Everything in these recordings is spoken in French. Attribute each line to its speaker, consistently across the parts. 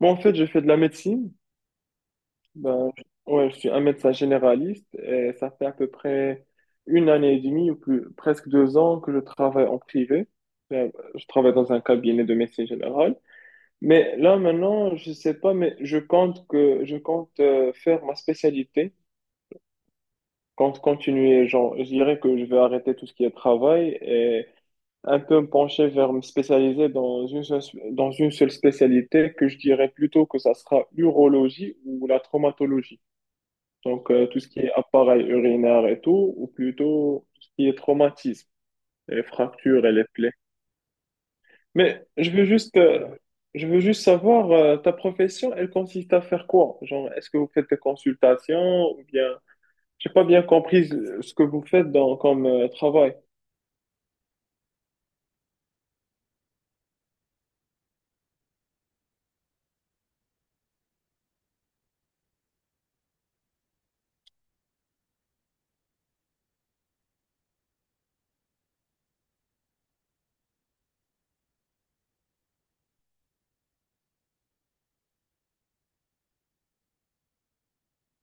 Speaker 1: Bon, en fait, je fais de la médecine. Ben, je- ouais, je suis un médecin généraliste et ça fait à peu près 1 an et demi ou plus, presque 2 ans que je travaille en privé. Ben, je travaille dans un cabinet de médecine générale. Mais là, maintenant, je sais pas, mais je compte faire ma spécialité. Compte continuer, genre, je dirais que je vais arrêter tout ce qui est travail et un peu me pencher vers me spécialiser dans une seule spécialité que je dirais plutôt que ça sera l'urologie ou la traumatologie. Donc, tout ce qui est appareil urinaire et tout, ou plutôt tout ce qui est traumatisme, les fractures et les plaies. Mais je veux juste savoir, ta profession, elle consiste à faire quoi? Genre, est-ce que vous faites des consultations ou bien, j'ai pas bien compris ce que vous faites dans, comme travail.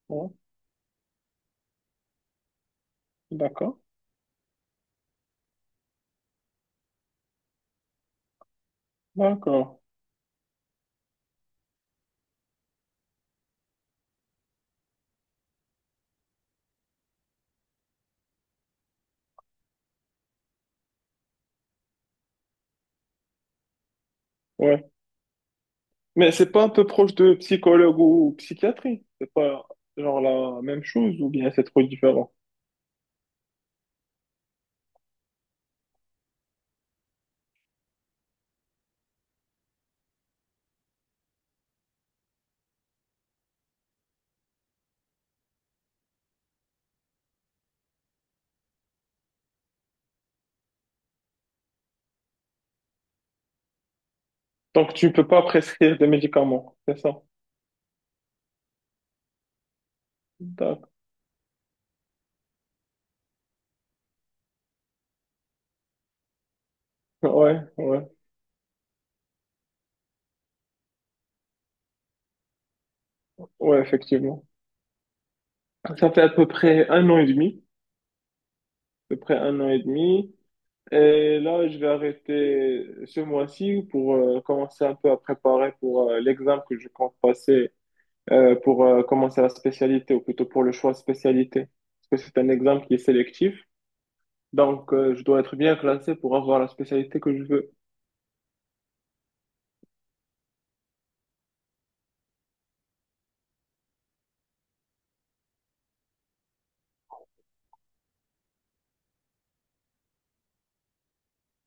Speaker 1: Hein. D'accord, d'accord. Ouais. Mais c'est pas un peu proche de psychologue ou psychiatrie? C'est pas genre la même chose ou bien c'est trop différent? Donc tu peux pas prescrire des médicaments, c'est ça? D'accord. Ouais, ouais, ouais, effectivement. Ça fait à peu près 1 an et demi, à peu près un an et demi. Et là, je vais arrêter ce mois-ci pour commencer un peu à préparer pour l'examen que je compte passer pour commencer la spécialité ou plutôt pour le choix de spécialité. Parce que c'est un examen qui est sélectif. Donc, je dois être bien classé pour avoir la spécialité que je veux.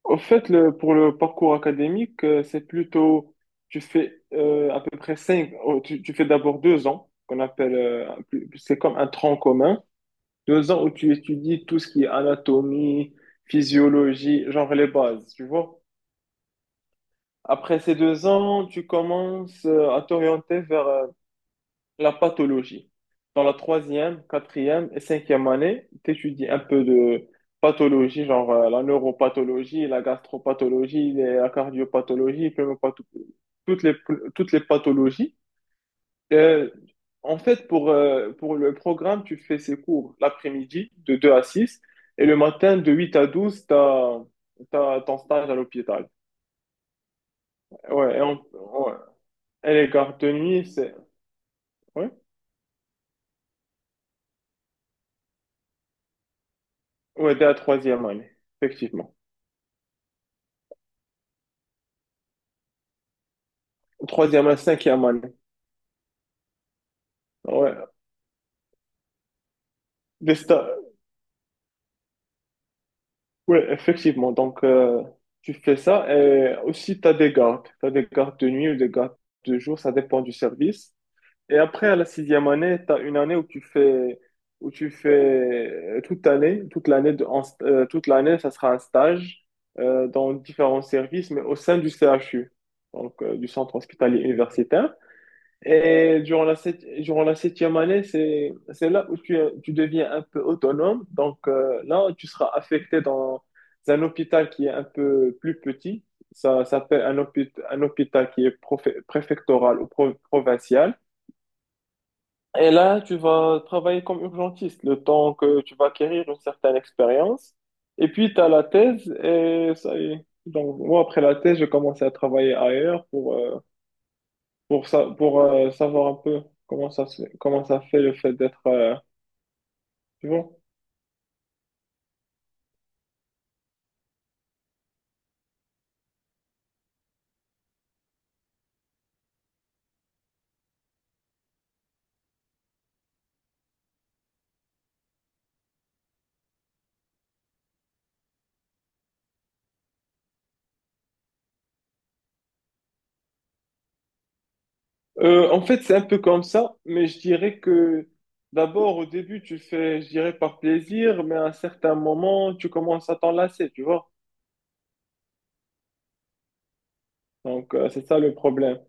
Speaker 1: Au fait, le, pour le parcours académique, c'est plutôt, tu fais à peu près cinq, oh, tu fais d'abord 2 ans, qu'on appelle, c'est comme un tronc commun, 2 ans où tu étudies tout ce qui est anatomie, physiologie, genre les bases, tu vois. Après ces 2 ans, tu commences à t'orienter vers la pathologie. Dans la troisième, quatrième et cinquième année, tu étudies un peu de pathologie, genre la neuropathologie, la gastropathologie, la cardiopathologie, toutes les, toutes les pathologies. Euh, en fait, pour le programme, tu fais ces cours l'après-midi de 2 à 6 et le matin de 8 à 12 tu as, ton stage à l'hôpital. Ouais, et, on- ouais. Et les gardes de nuit, c'est ouais, ouais, dès la troisième année, effectivement. Troisième à la cinquième année. Ouais. Des sta- ouais, effectivement. Donc, tu fais ça. Et aussi, tu as des gardes. Tu as des gardes de nuit ou des gardes de jour. Ça dépend du service. Et après, à la sixième année, tu as une année où tu fais toute l'année. Toute l'année, ça sera un stage dans différents services, mais au sein du CHU, donc du centre hospitalier universitaire. Et durant durant la septième année, c'est là où tu deviens un peu autonome. Donc là, tu seras affecté dans un hôpital qui est un peu plus petit. Ça s'appelle un hôpital qui est préfectoral ou provincial. Et là, tu vas travailler comme urgentiste le temps que tu vas acquérir une certaine expérience. Et puis, tu as la thèse et ça y est. Donc, moi, après la thèse, j'ai commencé à travailler ailleurs pour ça, pour savoir un peu comment comment ça fait le fait d'être, tu vois. En fait, c'est un peu comme ça, mais je dirais que d'abord, au début, tu fais, je dirais, par plaisir, mais à un certain moment, tu commences à t'en lasser, tu vois. Donc, c'est ça le problème.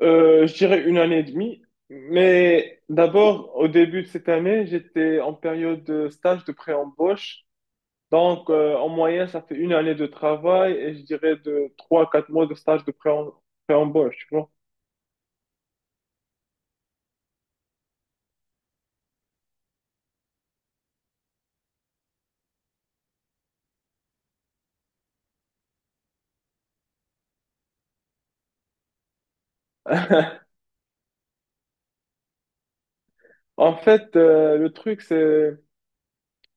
Speaker 1: Je dirais 1 an et demi, mais d'abord, au début de cette année, j'étais en période de stage de pré-embauche. Donc, en moyenne, ça fait une année de travail et je dirais de 3 à 4 mois de stage de pré-embauche, tu vois. En fait, le truc, c'est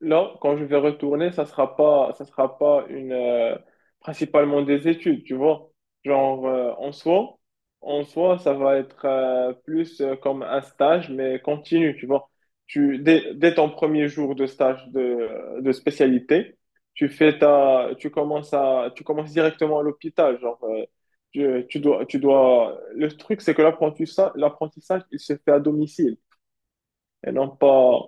Speaker 1: là, quand je vais retourner, ça sera pas une, principalement des études, tu vois. Genre, en soi, ça va être plus comme un stage, mais continu, tu vois. Dès ton premier jour de stage de spécialité, tu commences directement à l'hôpital, genre, tu dois, le truc, c'est que l'apprentissage, il se fait à domicile et non pas,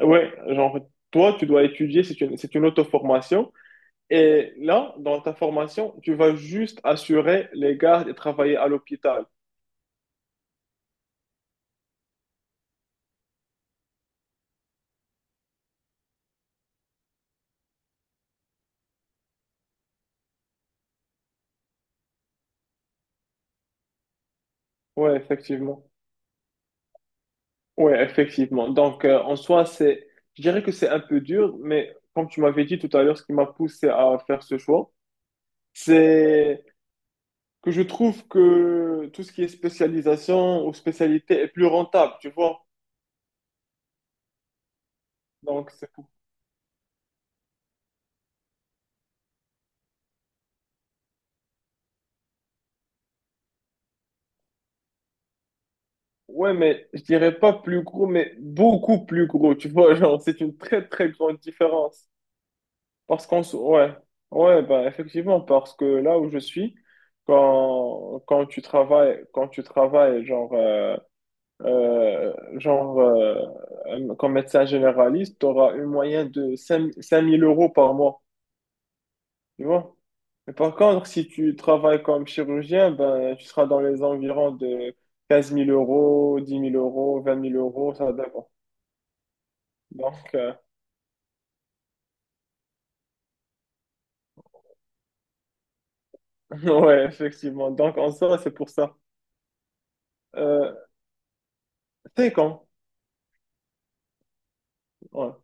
Speaker 1: ouais, genre, toi, tu dois étudier, c'est une auto-formation. Et là, dans ta formation, tu vas juste assurer les gardes et travailler à l'hôpital. Ouais, effectivement. Ouais, effectivement. Donc, je dirais que c'est un peu dur, mais comme tu m'avais dit tout à l'heure, ce qui m'a poussé à faire ce choix, c'est que je trouve que tout ce qui est spécialisation ou spécialité est plus rentable, tu vois. Donc, c'est ouais, mais je dirais pas plus gros, mais beaucoup plus gros, tu vois, genre, c'est une très très grande différence. Parce qu'on se... Ouais, ouais, bah effectivement, parce que là où je suis, quand tu travailles, genre, euh, genre euh, comme médecin généraliste, tu auras une moyenne de 5 000 € par mois, tu vois. Mais par contre, si tu travailles comme chirurgien, ben, tu seras dans les environs de quinze mille euros, dix mille euros, vingt mille euros, ça dépend. Donc, ouais, effectivement. Donc, en soi, c'est pour ça. Euh, c'est quand? Ouais.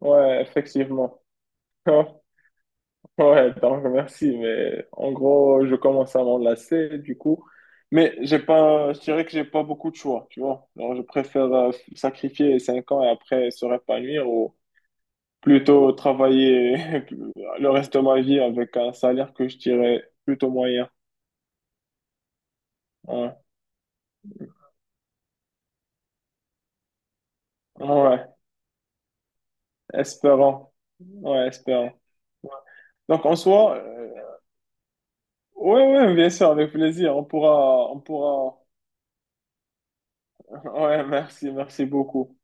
Speaker 1: Ouais, effectivement. Ouais, donc, merci. Mais en gros, je commence à m'enlacer, du coup. Mais j'ai pas, je dirais que j'ai pas beaucoup de choix, tu vois. Alors, je préfère sacrifier 5 ans et après se répanouir ou plutôt travailler le reste de ma vie avec un salaire que je dirais plutôt moyen. Ouais, ouais, espérant. Ouais, espérant. Ouais. Donc en soi, ouais, ouais, bien sûr, avec plaisir. On pourra. Ouais, merci, merci beaucoup.